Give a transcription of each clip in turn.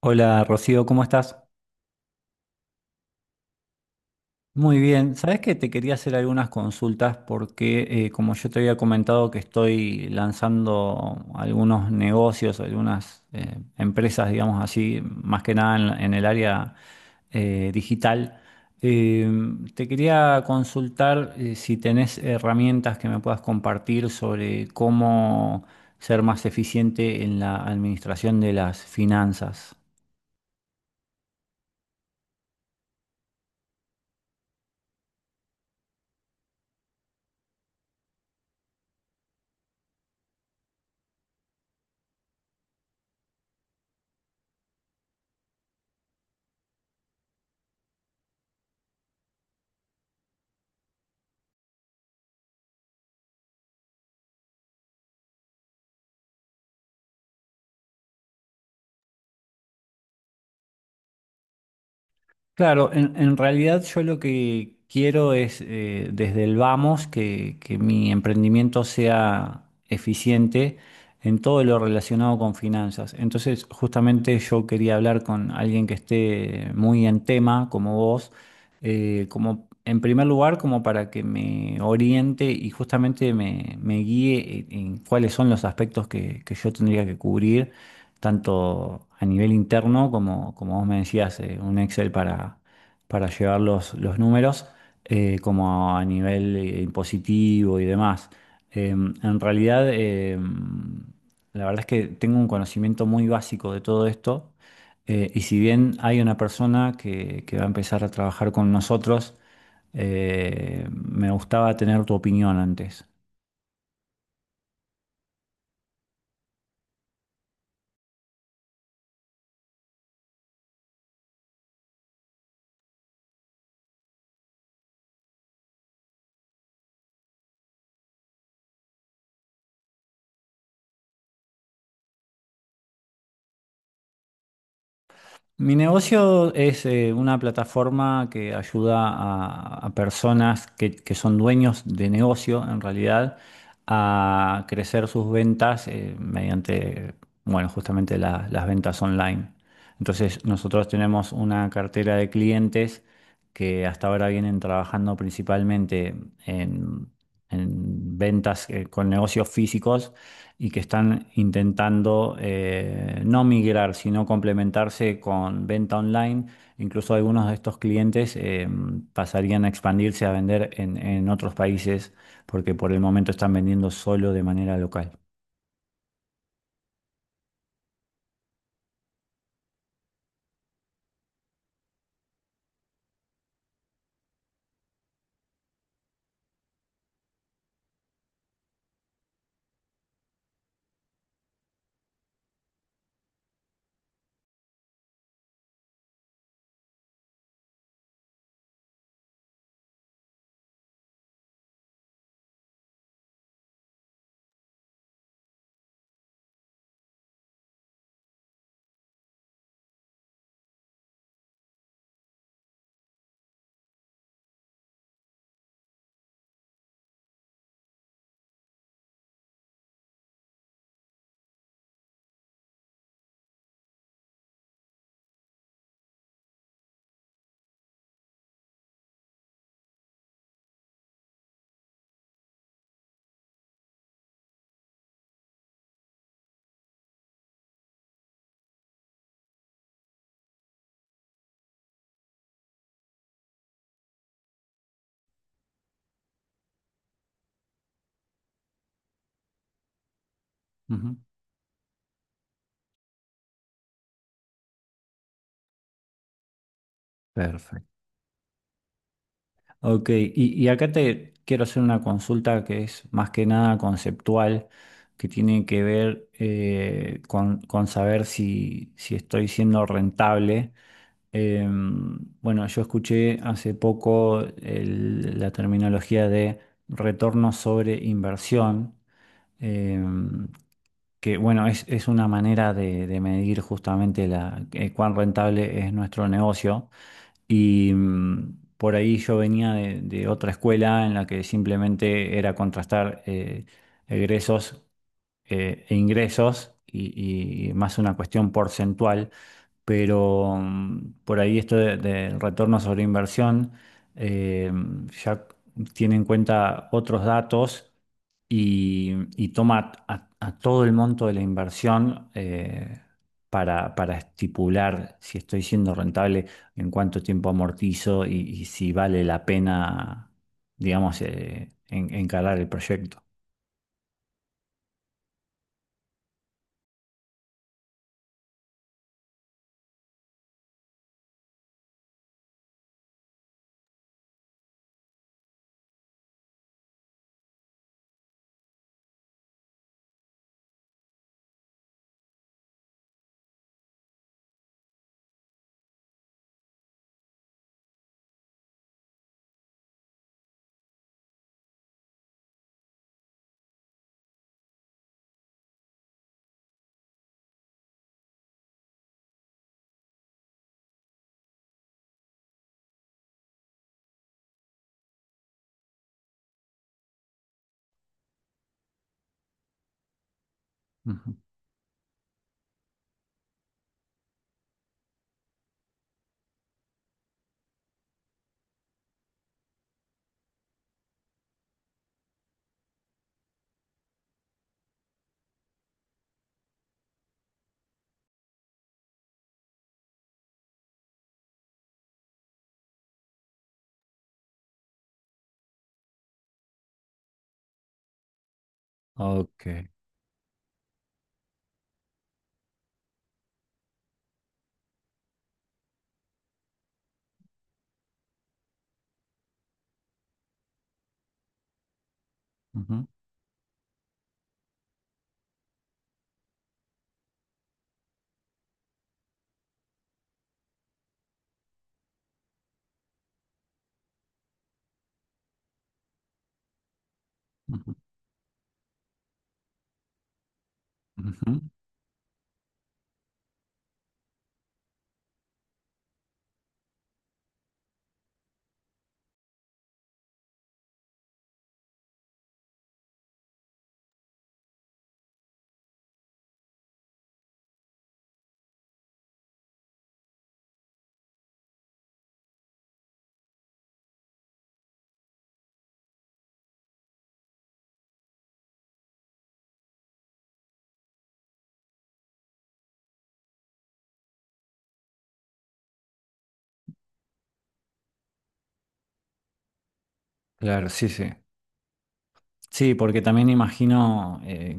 Hola Rocío, ¿cómo estás? Muy bien. Sabes que te quería hacer algunas consultas porque, como yo te había comentado, que estoy lanzando algunos negocios, algunas empresas, digamos así, más que nada en el área digital. Eh, Te quería consultar si tenés herramientas que me puedas compartir sobre cómo ser más eficiente en la administración de las finanzas. Claro, en realidad yo lo que quiero es desde el vamos que mi emprendimiento sea eficiente en todo lo relacionado con finanzas. Entonces, justamente yo quería hablar con alguien que esté muy en tema, como vos, como en primer lugar, como para que me oriente y justamente me guíe en cuáles son los aspectos que yo tendría que cubrir tanto a nivel interno como vos me decías, un Excel para llevar los números, como a nivel impositivo y demás. En realidad, la verdad es que tengo un conocimiento muy básico de todo esto. Y si bien hay una persona que va a empezar a trabajar con nosotros, me gustaba tener tu opinión antes. Mi negocio es una plataforma que ayuda a personas que son dueños de negocio, en realidad, a crecer sus ventas mediante, bueno, justamente las ventas online. Entonces, nosotros tenemos una cartera de clientes que hasta ahora vienen trabajando principalmente en, en ventas con negocios físicos y que están intentando no migrar, sino complementarse con venta online. Incluso algunos de estos clientes pasarían a expandirse a vender en otros países porque por el momento están vendiendo solo de manera local. Ujú. Perfecto. Ok, y acá te quiero hacer una consulta que es más que nada conceptual, que tiene que ver con saber si estoy siendo rentable. Bueno, yo escuché hace poco la terminología de retorno sobre inversión, em, que bueno, es una manera de medir justamente cuán rentable es nuestro negocio. Y por ahí yo venía de otra escuela en la que simplemente era contrastar egresos e ingresos y más una cuestión porcentual, pero por ahí esto del retorno sobre inversión eh, ya tiene en cuenta otros datos y, y toma a todo el monto de la inversión para estipular si estoy siendo rentable, en cuánto tiempo amortizo y si vale la pena, digamos, encarar el proyecto. Ujú. Ok. Ujú. Ujú, ujú. Claro, sí, sí. Sí, porque también imagino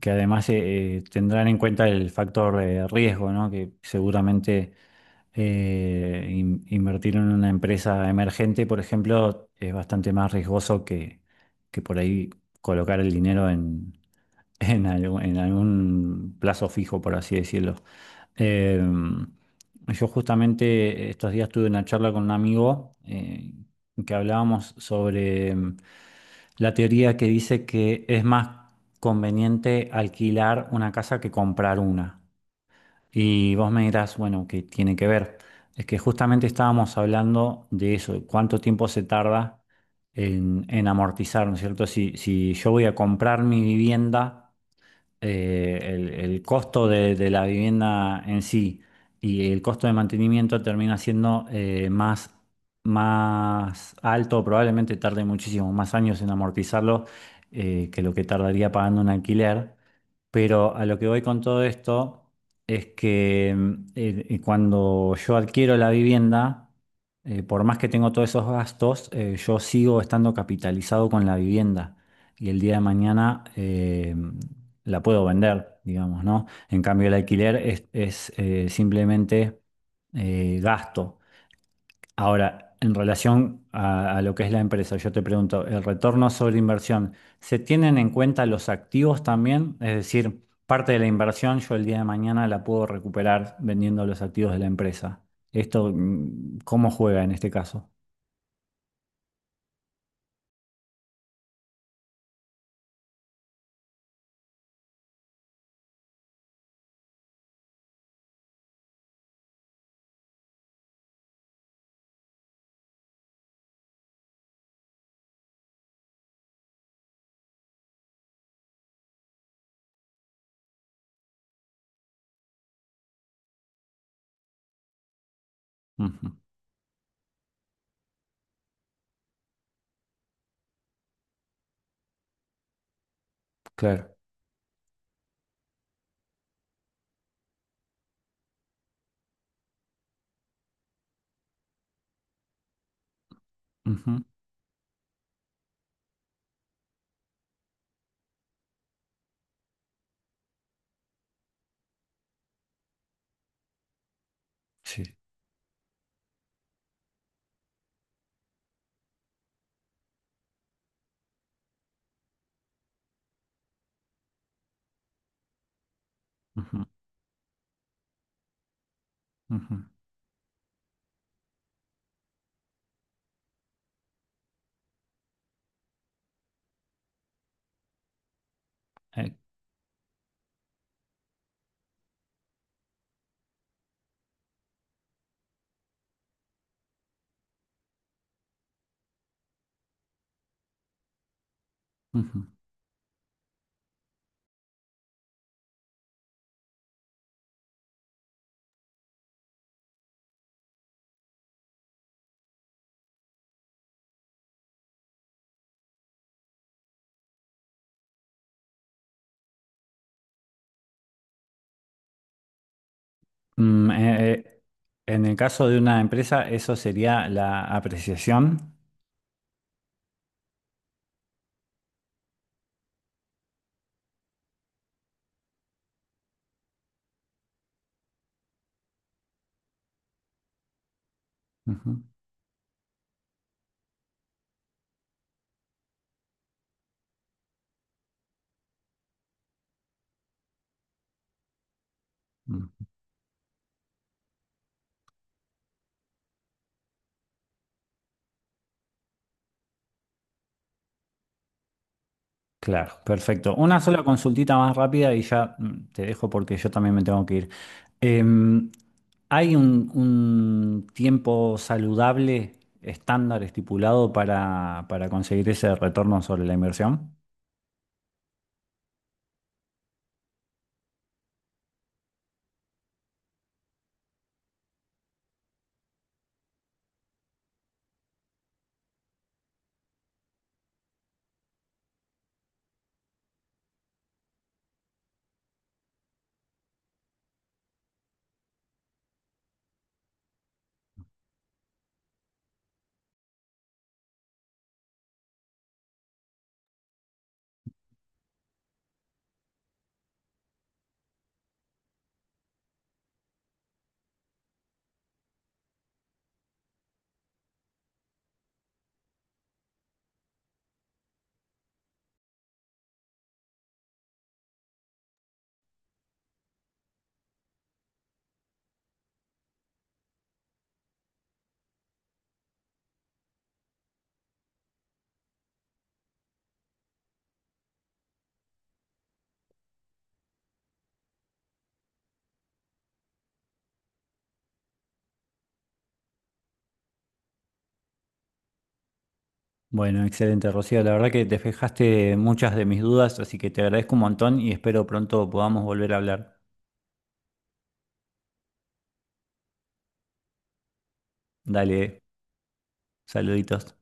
que además tendrán en cuenta el factor de riesgo, ¿no? Que seguramente invertir en una empresa emergente, por ejemplo, es bastante más riesgoso que por ahí colocar el dinero en algún plazo fijo, por así decirlo. Eh, yo justamente estos días tuve una charla con un amigo que hablábamos sobre la teoría que dice que es más conveniente alquilar una casa que comprar una. Y vos me dirás, bueno, ¿qué tiene que ver? Es que justamente estábamos hablando de eso, cuánto tiempo se tarda en amortizar, ¿no es cierto? Si yo voy a comprar mi vivienda, el costo de la vivienda en sí y el costo de mantenimiento termina siendo más alto, probablemente tarde muchísimo más años en amortizarlo que lo que tardaría pagando un alquiler. Pero a lo que voy con todo esto es que, cuando yo adquiero la vivienda, por más que tengo todos esos gastos, yo sigo estando capitalizado con la vivienda y el día de mañana la puedo vender, digamos, ¿no? En cambio, el alquiler es simplemente gasto. Ahora, en relación a lo que es la empresa, yo te pregunto, ¿el retorno sobre inversión se tienen en cuenta los activos también? Es decir, parte de la inversión yo el día de mañana la puedo recuperar vendiendo los activos de la empresa. ¿Esto, cómo juega en este caso? Ujú, claro. Ujú, sí. Ujú, ujú, eh, ujú. Mm, eh, eh, en el caso de una empresa, eso sería la apreciación. Ujú. Claro, perfecto. Una sola consultita más rápida y ya, te dejo porque yo también me tengo que ir. Em, ¿Hay un tiempo saludable estándar estipulado para conseguir ese retorno sobre la inversión? Bueno, excelente, Rocío. La verdad que despejaste muchas de mis dudas, así que te agradezco un montón y espero pronto podamos volver a hablar. Dale, saluditos.